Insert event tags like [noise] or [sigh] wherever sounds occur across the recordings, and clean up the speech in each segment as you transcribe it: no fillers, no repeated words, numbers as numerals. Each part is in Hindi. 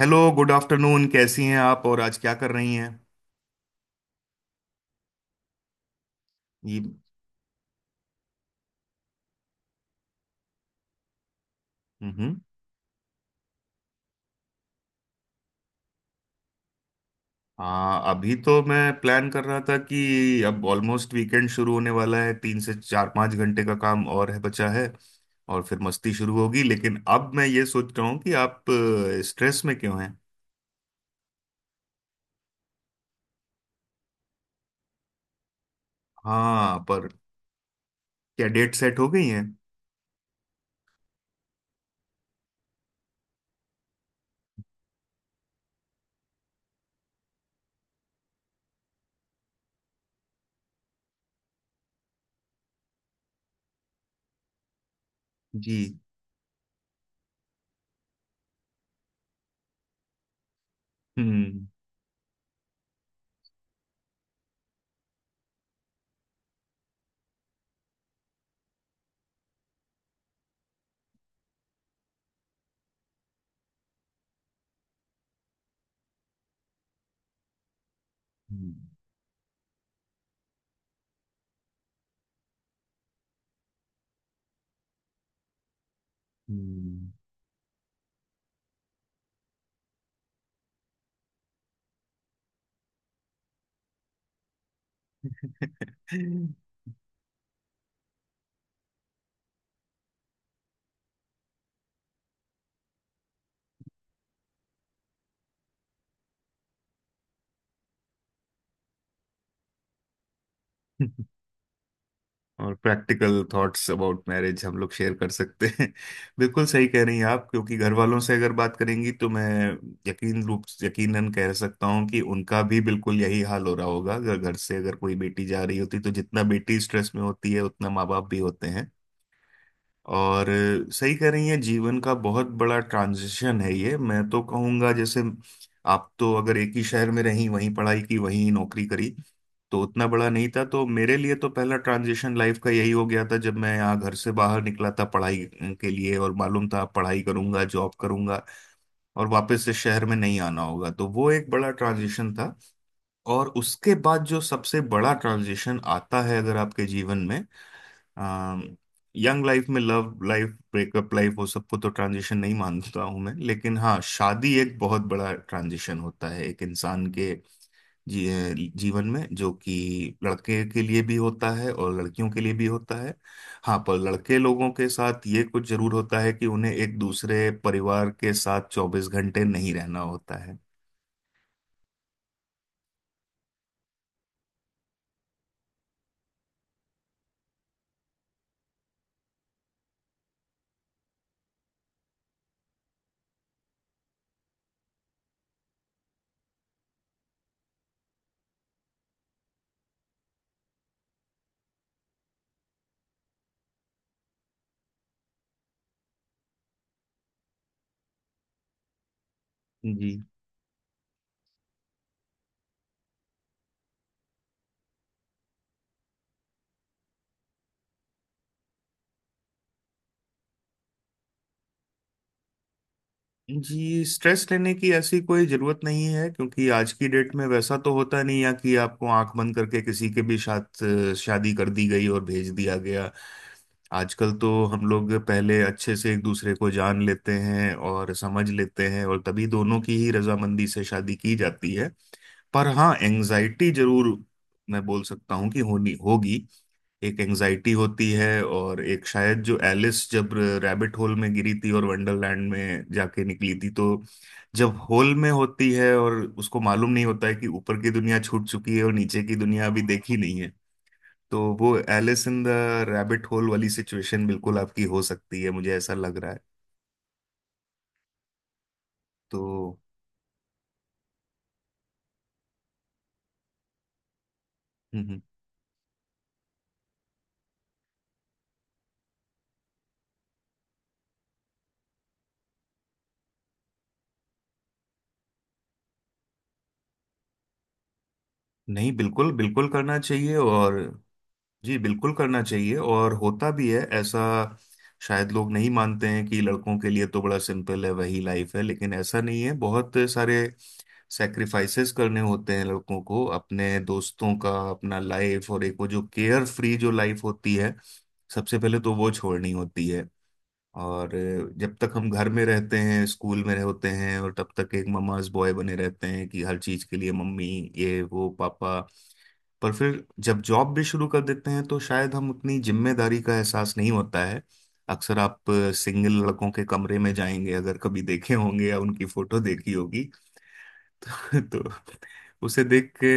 Hello, good afternoon. कैसी हैं आप और आज क्या कर रही हैं? ये हम्म। हाँ, अभी तो मैं प्लान कर रहा था कि अब ऑलमोस्ट वीकेंड शुरू होने वाला है। 3 से 4 5 घंटे का काम और है बचा है, और फिर मस्ती शुरू होगी। लेकिन अब मैं ये सोच रहा हूँ कि आप स्ट्रेस में क्यों हैं? हाँ, पर क्या डेट सेट हो गई है? जी। हम्म। हम्म। हम्म। [laughs] और प्रैक्टिकल थॉट्स अबाउट मैरिज हम लोग शेयर कर सकते हैं। [laughs] बिल्कुल सही कह रही हैं आप, क्योंकि घर वालों से अगर बात करेंगी तो मैं यकीनन कह सकता हूँ कि उनका भी बिल्कुल यही हाल हो रहा होगा। अगर घर से अगर कोई बेटी जा रही होती, तो जितना बेटी स्ट्रेस में होती है उतना माँ बाप भी होते हैं। और सही कह रही हैं, जीवन का बहुत बड़ा ट्रांजिशन है ये। मैं तो कहूँगा जैसे आप तो अगर एक ही शहर में रहीं, वहीं पढ़ाई की, वहीं नौकरी करी, तो उतना बड़ा नहीं था। तो मेरे लिए तो पहला ट्रांजिशन लाइफ का यही हो गया था जब मैं यहाँ घर से बाहर निकला था पढ़ाई के लिए। और मालूम था पढ़ाई करूंगा, जॉब करूंगा और वापस से शहर में नहीं आना होगा, तो वो एक बड़ा ट्रांजिशन था। और उसके बाद जो सबसे बड़ा ट्रांजिशन आता है अगर आपके जीवन में, अम, यंग लाइफ में लव लाइफ, ब्रेकअप लाइफ, वो सबको तो ट्रांजिशन नहीं मानता हूं मैं, लेकिन हाँ, शादी एक बहुत बड़ा ट्रांजिशन होता है एक इंसान के जी जीवन में, जो कि लड़के के लिए भी होता है और लड़कियों के लिए भी होता है। हाँ, पर लड़के लोगों के साथ ये कुछ जरूर होता है कि उन्हें एक दूसरे परिवार के साथ 24 घंटे नहीं रहना होता है। जी। जी, स्ट्रेस लेने की ऐसी कोई जरूरत नहीं है क्योंकि आज की डेट में वैसा तो होता नहीं है कि आपको आंख बंद करके किसी के भी साथ शादी कर दी गई और भेज दिया गया। आजकल तो हम लोग पहले अच्छे से एक दूसरे को जान लेते हैं और समझ लेते हैं, और तभी दोनों की ही रजामंदी से शादी की जाती है। पर हाँ, एंजाइटी जरूर मैं बोल सकता हूँ कि होनी होगी। एक एंजाइटी होती है, और एक शायद जो एलिस जब रैबिट होल में गिरी थी और वंडरलैंड में जाके निकली थी, तो जब होल में होती है और उसको मालूम नहीं होता है कि ऊपर की दुनिया छूट चुकी है और नीचे की दुनिया अभी देखी नहीं है, तो वो Alice in the rabbit hole वाली सिचुएशन बिल्कुल आपकी हो सकती है, मुझे ऐसा लग रहा है। तो हम्म। हम्म। नहीं, बिल्कुल बिल्कुल करना चाहिए। और जी, बिल्कुल करना चाहिए, और होता भी है ऐसा। शायद लोग नहीं मानते हैं कि लड़कों के लिए तो बड़ा सिंपल है वही लाइफ है, लेकिन ऐसा नहीं है। बहुत सारे सेक्रीफाइसेस करने होते हैं लड़कों को। अपने दोस्तों का, अपना लाइफ और एक वो जो केयर फ्री जो लाइफ होती है, सबसे पहले तो वो छोड़नी होती है। और जब तक हम घर में रहते हैं, स्कूल में होते हैं, और तब तक एक ममाज बॉय बने रहते हैं कि हर चीज के लिए मम्मी, ये वो पापा। पर फिर जब जॉब भी शुरू कर देते हैं, तो शायद हम उतनी जिम्मेदारी का एहसास नहीं होता है। अक्सर आप सिंगल लड़कों के कमरे में जाएंगे अगर कभी, देखे होंगे या उनकी फोटो देखी होगी, [laughs] तो उसे देख के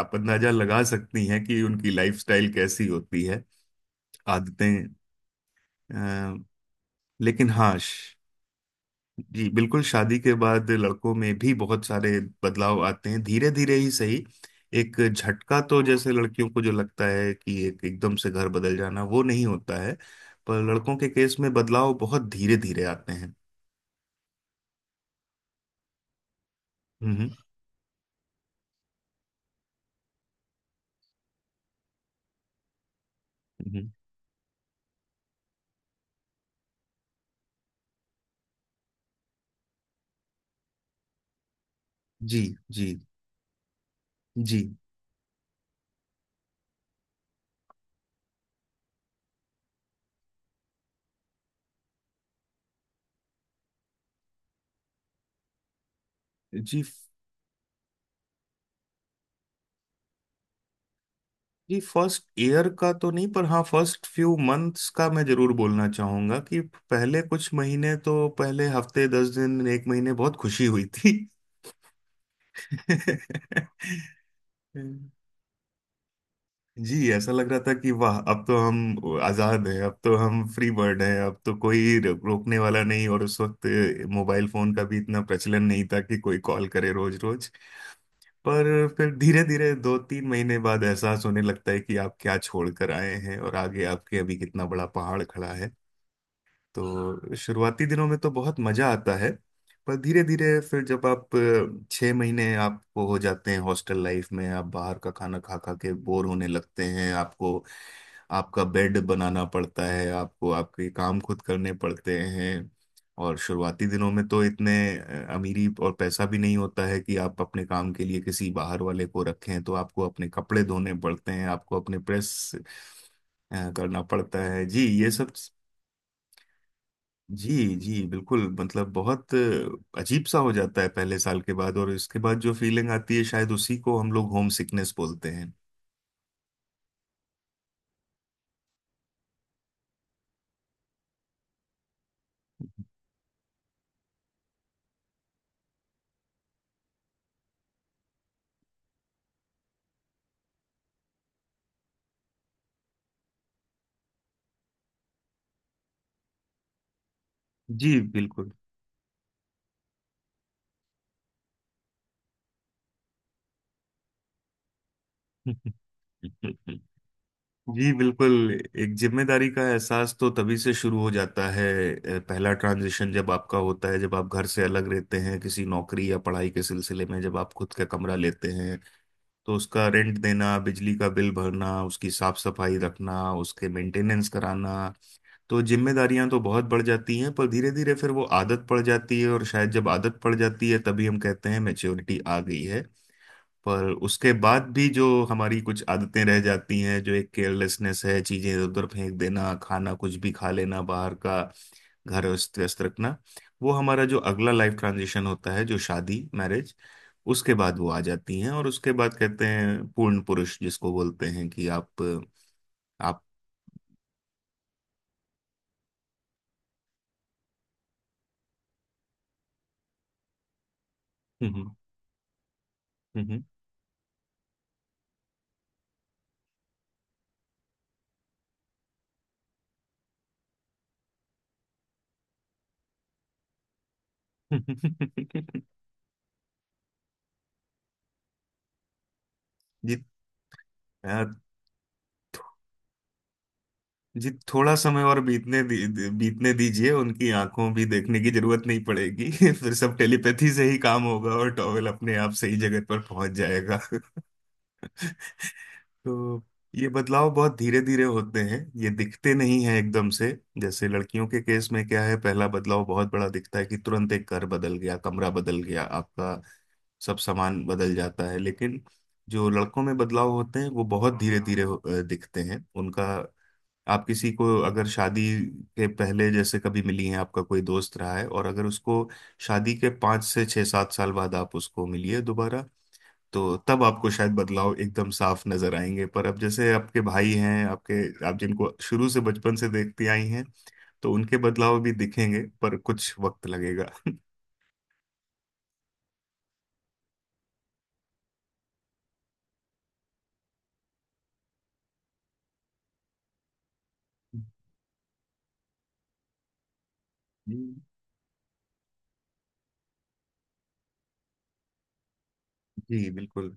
आप अंदाजा लगा सकती हैं कि उनकी लाइफस्टाइल कैसी होती है, आदतें। अ, लेकिन हाँ, जी बिल्कुल, शादी के बाद लड़कों में भी बहुत सारे बदलाव आते हैं, धीरे धीरे ही सही। एक झटका तो जैसे लड़कियों को जो लगता है कि एक एकदम से घर बदल जाना, वो नहीं होता है। पर लड़कों के केस में बदलाव बहुत धीरे धीरे आते हैं। हम्म। हम्म। जी। जी। जी। जी। जी, फर्स्ट ईयर का तो नहीं, पर हाँ फर्स्ट फ्यू मंथ्स का मैं जरूर बोलना चाहूंगा कि पहले कुछ महीने, तो पहले हफ्ते 10 दिन एक महीने बहुत खुशी हुई थी। [laughs] जी, ऐसा लग रहा था कि वाह, अब तो हम आजाद हैं, अब तो हम फ्री बर्ड हैं, अब तो कोई रोकने वाला नहीं। और उस वक्त मोबाइल फोन का भी इतना प्रचलन नहीं था कि कोई कॉल करे रोज रोज। पर फिर धीरे धीरे, 2 3 महीने बाद, एहसास होने लगता है कि आप क्या छोड़ कर आए हैं और आगे आपके अभी कितना बड़ा पहाड़ खड़ा है। तो शुरुआती दिनों में तो बहुत मजा आता है, पर धीरे धीरे फिर जब आप 6 महीने आपको हो जाते हैं हॉस्टल लाइफ में, आप बाहर का खाना खा खा के बोर होने लगते हैं। आपको, आपका बेड बनाना पड़ता है, आपको आपके काम खुद करने पड़ते हैं। और शुरुआती दिनों में तो इतने अमीरी और पैसा भी नहीं होता है कि आप अपने काम के लिए किसी बाहर वाले को रखें, तो आपको अपने कपड़े धोने पड़ते हैं, आपको अपने प्रेस करना पड़ता है जी ये सब। जी जी, बिल्कुल, मतलब बहुत अजीब सा हो जाता है पहले साल के बाद। और इसके बाद जो फीलिंग आती है, शायद उसी को हम लोग होम सिकनेस बोलते हैं। जी बिल्कुल। [laughs] जी बिल्कुल। एक जिम्मेदारी का एहसास तो तभी से शुरू हो जाता है। पहला ट्रांजिशन जब आपका होता है, जब आप घर से अलग रहते हैं किसी नौकरी या पढ़ाई के सिलसिले में, जब आप खुद का कमरा लेते हैं, तो उसका रेंट देना, बिजली का बिल भरना, उसकी साफ सफाई रखना, उसके मेंटेनेंस कराना, तो जिम्मेदारियां तो बहुत बढ़ जाती हैं। पर धीरे धीरे फिर वो आदत पड़ जाती है, और शायद जब आदत पड़ जाती है तभी हम कहते हैं मैच्योरिटी आ गई है। पर उसके बाद भी जो हमारी कुछ आदतें रह जाती हैं, जो एक केयरलेसनेस है, चीजें इधर उधर फेंक देना, खाना कुछ भी खा लेना बाहर का, घर अस्त व्यस्त रखना, वो हमारा जो अगला लाइफ ट्रांजिशन होता है जो शादी मैरिज, उसके बाद वो आ जाती हैं। और उसके बाद कहते हैं पूर्ण पुरुष जिसको बोलते हैं, कि आप आप। हम्म। हम्म। हम्म। [laughs] जी, यार। जी, थोड़ा समय और बीतने दी, दी- बीतने दीजिए, उनकी आंखों भी देखने की जरूरत नहीं पड़ेगी। [laughs] फिर सब टेलीपैथी से ही काम होगा और टॉवेल अपने आप सही जगह पर पहुंच जाएगा। [laughs] तो ये बदलाव बहुत धीरे धीरे होते हैं, ये दिखते नहीं हैं एकदम से। जैसे लड़कियों के केस में क्या है, पहला बदलाव बहुत बड़ा दिखता है कि तुरंत एक घर बदल गया, कमरा बदल गया, आपका सब सामान बदल जाता है। लेकिन जो लड़कों में बदलाव होते हैं वो बहुत धीरे धीरे दिखते हैं उनका। आप किसी को अगर शादी के पहले जैसे कभी मिली हैं, आपका कोई दोस्त रहा है, और अगर उसको शादी के 5 से 6 7 साल बाद आप उसको मिलिए दोबारा, तो तब आपको शायद बदलाव एकदम साफ नजर आएंगे। पर अब जैसे आपके भाई हैं आपके, आप जिनको शुरू से बचपन से देखती आई हैं, तो उनके बदलाव भी दिखेंगे पर कुछ वक्त लगेगा। [laughs] जी। जी बिल्कुल।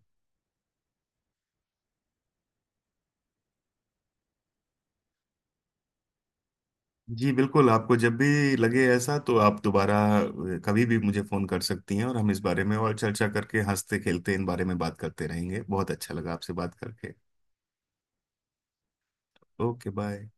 जी बिल्कुल, आपको जब भी लगे ऐसा, तो आप दोबारा कभी भी मुझे फोन कर सकती हैं, और हम इस बारे में और चर्चा करके, हंसते खेलते इन बारे में बात करते रहेंगे। बहुत अच्छा लगा आपसे बात करके। Okay, bye.